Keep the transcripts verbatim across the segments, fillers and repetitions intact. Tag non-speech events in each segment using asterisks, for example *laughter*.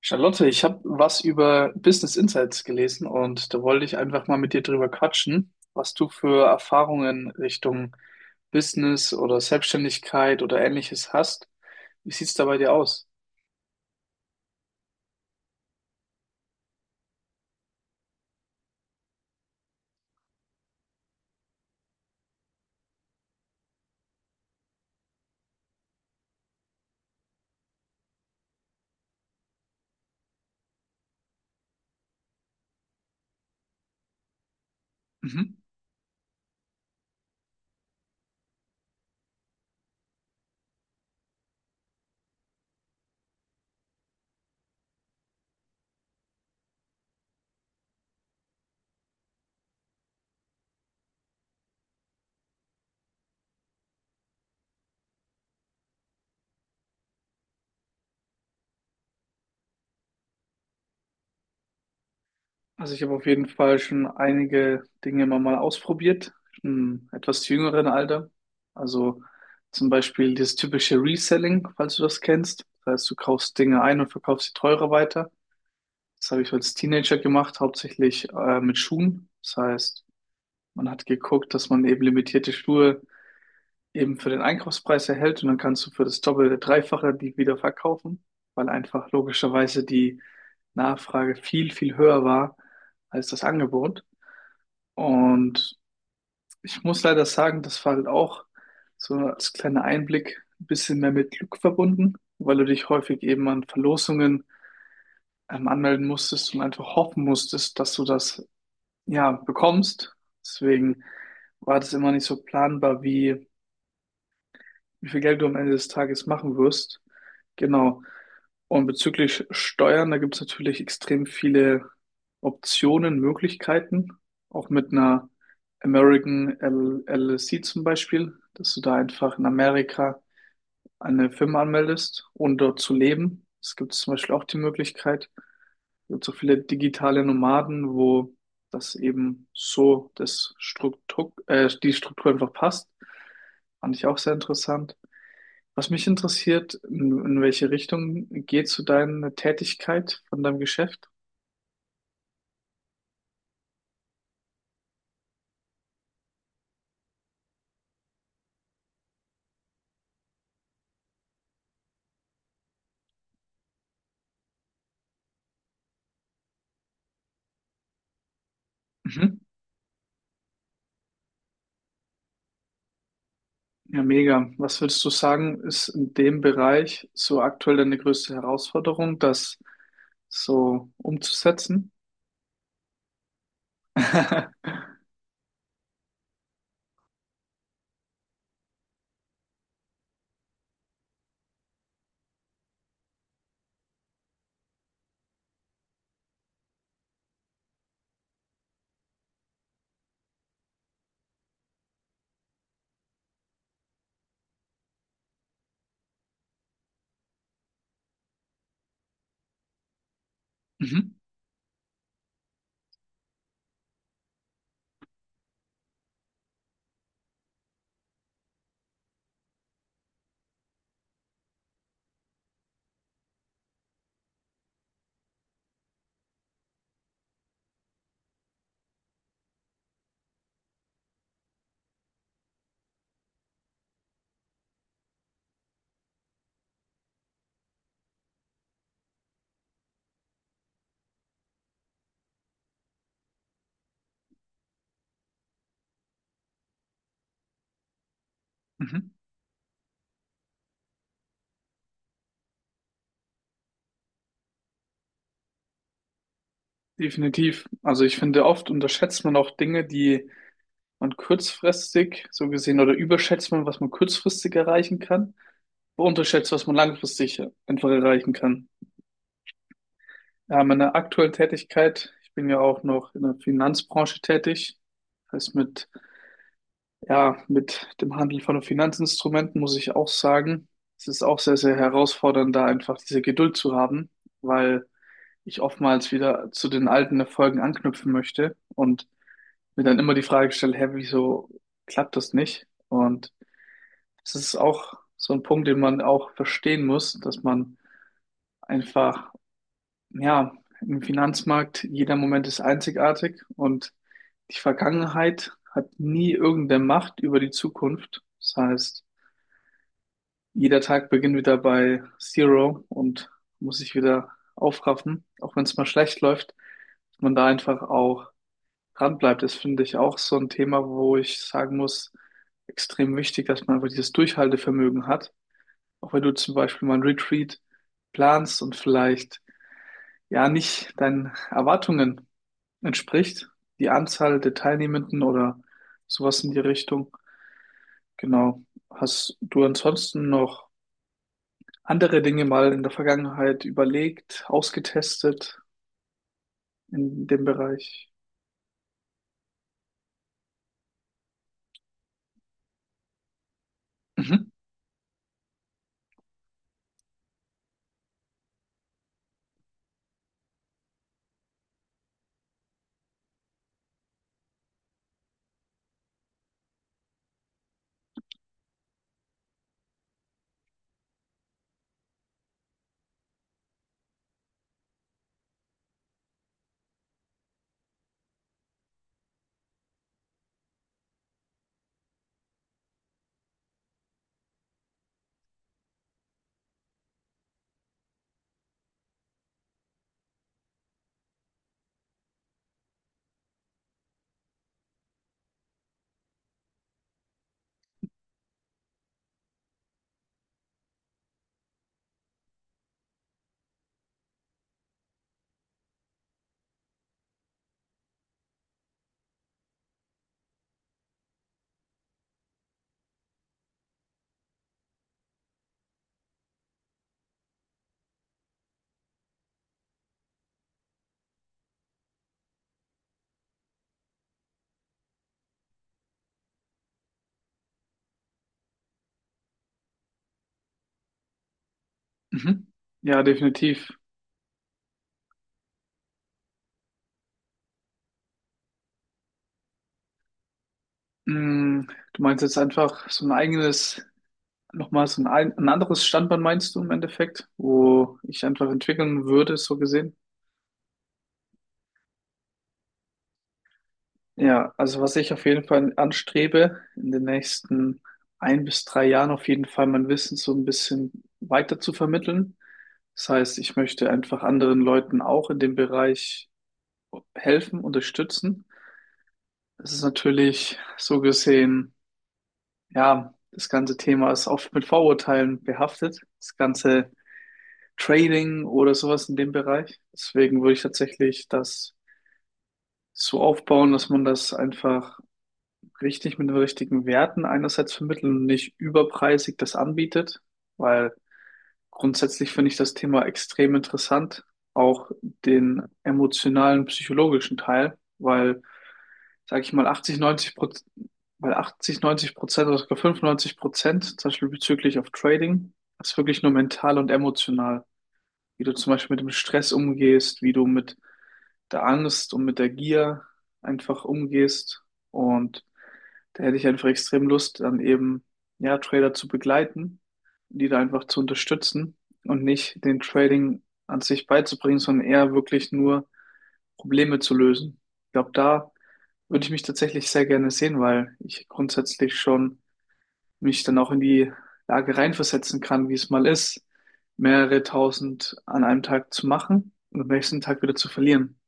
Charlotte, ich habe was über Business Insights gelesen und da wollte ich einfach mal mit dir drüber quatschen, was du für Erfahrungen Richtung Business oder Selbstständigkeit oder ähnliches hast. Wie sieht's da bei dir aus? Mhm. Also ich habe auf jeden Fall schon einige Dinge immer mal ausprobiert, im etwas jüngeren Alter. Also zum Beispiel das typische Reselling, falls du das kennst. Das heißt, du kaufst Dinge ein und verkaufst sie teurer weiter. Das habe ich als Teenager gemacht, hauptsächlich äh, mit Schuhen. Das heißt, man hat geguckt, dass man eben limitierte Schuhe eben für den Einkaufspreis erhält und dann kannst du für das Doppelte, Dreifache die wieder verkaufen, weil einfach logischerweise die Nachfrage viel, viel höher war als das Angebot. Und ich muss leider sagen, das war halt auch so als kleiner Einblick ein bisschen mehr mit Glück verbunden, weil du dich häufig eben an Verlosungen ähm, anmelden musstest und einfach hoffen musstest, dass du das ja, bekommst. Deswegen war das immer nicht so planbar, wie, wie viel Geld du am Ende des Tages machen wirst. Genau. Und bezüglich Steuern, da gibt es natürlich extrem viele Optionen, Möglichkeiten. Auch mit einer American L LLC zum Beispiel, dass du da einfach in Amerika eine Firma anmeldest, ohne dort zu leben. Es gibt zum Beispiel auch die Möglichkeit gibt so viele digitale Nomaden, wo das eben so das Struktur, äh, die Struktur einfach passt. Fand ich auch sehr interessant. Was mich interessiert, in, in welche Richtung geht so deine Tätigkeit von deinem Geschäft? Mhm. Ja, mega. Was würdest du sagen, ist in dem Bereich so aktuell deine größte Herausforderung, das so umzusetzen? *laughs* Mhm. Mhm. Definitiv. Also ich finde, oft unterschätzt man auch Dinge, die man kurzfristig so gesehen oder überschätzt man, was man kurzfristig erreichen kann, aber unterschätzt, was man langfristig einfach erreichen kann. Ja, meine aktuelle Tätigkeit, ich bin ja auch noch in der Finanzbranche tätig. Das heißt, mit, ja, mit dem Handel von Finanzinstrumenten muss ich auch sagen, es ist auch sehr, sehr herausfordernd, da einfach diese Geduld zu haben, weil ich oftmals wieder zu den alten Erfolgen anknüpfen möchte und mir dann immer die Frage stelle, hä, wieso klappt das nicht? Und das ist auch so ein Punkt, den man auch verstehen muss, dass man einfach, ja, im Finanzmarkt, jeder Moment ist einzigartig und die Vergangenheit hat nie irgendeine Macht über die Zukunft. Das heißt, jeder Tag beginnt wieder bei Zero und muss sich wieder aufraffen, auch wenn es mal schlecht läuft, dass man da einfach auch dran bleibt. Das finde ich auch so ein Thema, wo ich sagen muss, extrem wichtig, dass man einfach dieses Durchhaltevermögen hat. Auch wenn du zum Beispiel mal ein Retreat planst und vielleicht ja nicht deinen Erwartungen entspricht, die Anzahl der Teilnehmenden oder sowas in die Richtung. Genau. Hast du ansonsten noch andere Dinge mal in der Vergangenheit überlegt, ausgetestet in dem Bereich? Mhm. Mhm. Ja, definitiv. Mm, du meinst jetzt einfach so ein eigenes, nochmal so ein, ein ein anderes Standbein meinst du im Endeffekt, wo ich einfach entwickeln würde, so gesehen? Ja, also was ich auf jeden Fall anstrebe, in den nächsten ein bis drei Jahren auf jeden Fall mein Wissen so ein bisschen weiter zu vermitteln. Das heißt, ich möchte einfach anderen Leuten auch in dem Bereich helfen, unterstützen. Das ist natürlich so gesehen, ja, das ganze Thema ist oft mit Vorurteilen behaftet. Das ganze Trading oder sowas in dem Bereich. Deswegen würde ich tatsächlich das so aufbauen, dass man das einfach richtig mit den richtigen Werten einerseits vermitteln und nicht überpreisig das anbietet, weil grundsätzlich finde ich das Thema extrem interessant, auch den emotionalen, psychologischen Teil, weil, sage ich mal, achtzig neunzig Prozent, weil achtzig neunzig Prozent oder sogar fünfundneunzig Prozent, zum Beispiel bezüglich auf Trading, ist wirklich nur mental und emotional, wie du zum Beispiel mit dem Stress umgehst, wie du mit der Angst und mit der Gier einfach umgehst und da hätte ich einfach extrem Lust, dann eben, ja, Trader zu begleiten, die da einfach zu unterstützen und nicht den Trading an sich beizubringen, sondern eher wirklich nur Probleme zu lösen. Ich glaube, da würde ich mich tatsächlich sehr gerne sehen, weil ich grundsätzlich schon mich dann auch in die Lage reinversetzen kann, wie es mal ist, mehrere tausend an einem Tag zu machen und am nächsten Tag wieder zu verlieren.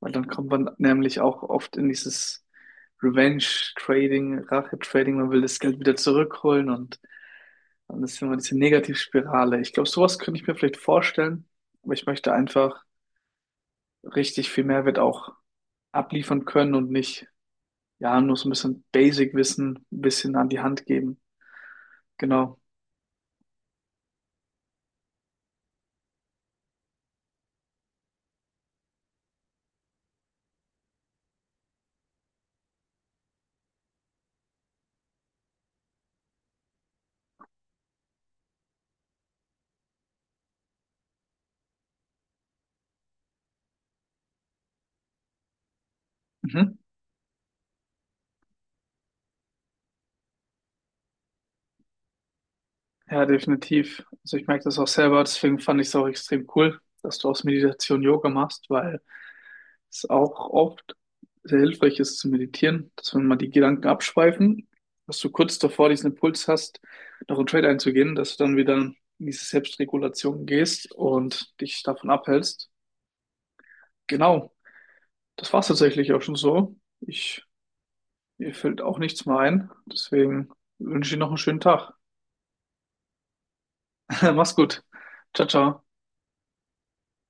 Weil dann kommt man nämlich auch oft in dieses Revenge-Trading, Rache-Trading, man will das Geld wieder zurückholen und dann ist immer diese Negativspirale. Ich glaube, sowas könnte ich mir vielleicht vorstellen, aber ich möchte einfach richtig viel Mehrwert auch abliefern können und nicht, ja, nur so ein bisschen Basic-Wissen ein bisschen an die Hand geben. Genau. Mhm. Ja, definitiv. Also ich merke das auch selber, deswegen fand ich es auch extrem cool, dass du aus Meditation Yoga machst, weil ist auch oft sehr hilfreich ist zu meditieren, dass wenn mal die Gedanken abschweifen, dass du kurz davor diesen Impuls hast, noch einen Trade einzugehen, dass du dann wieder in diese Selbstregulation gehst und dich davon abhältst. Genau, das war es tatsächlich auch schon so. Ich, mir fällt auch nichts mehr ein. Deswegen wünsche ich dir noch einen schönen Tag. *laughs* Mach's gut. Ciao, ciao.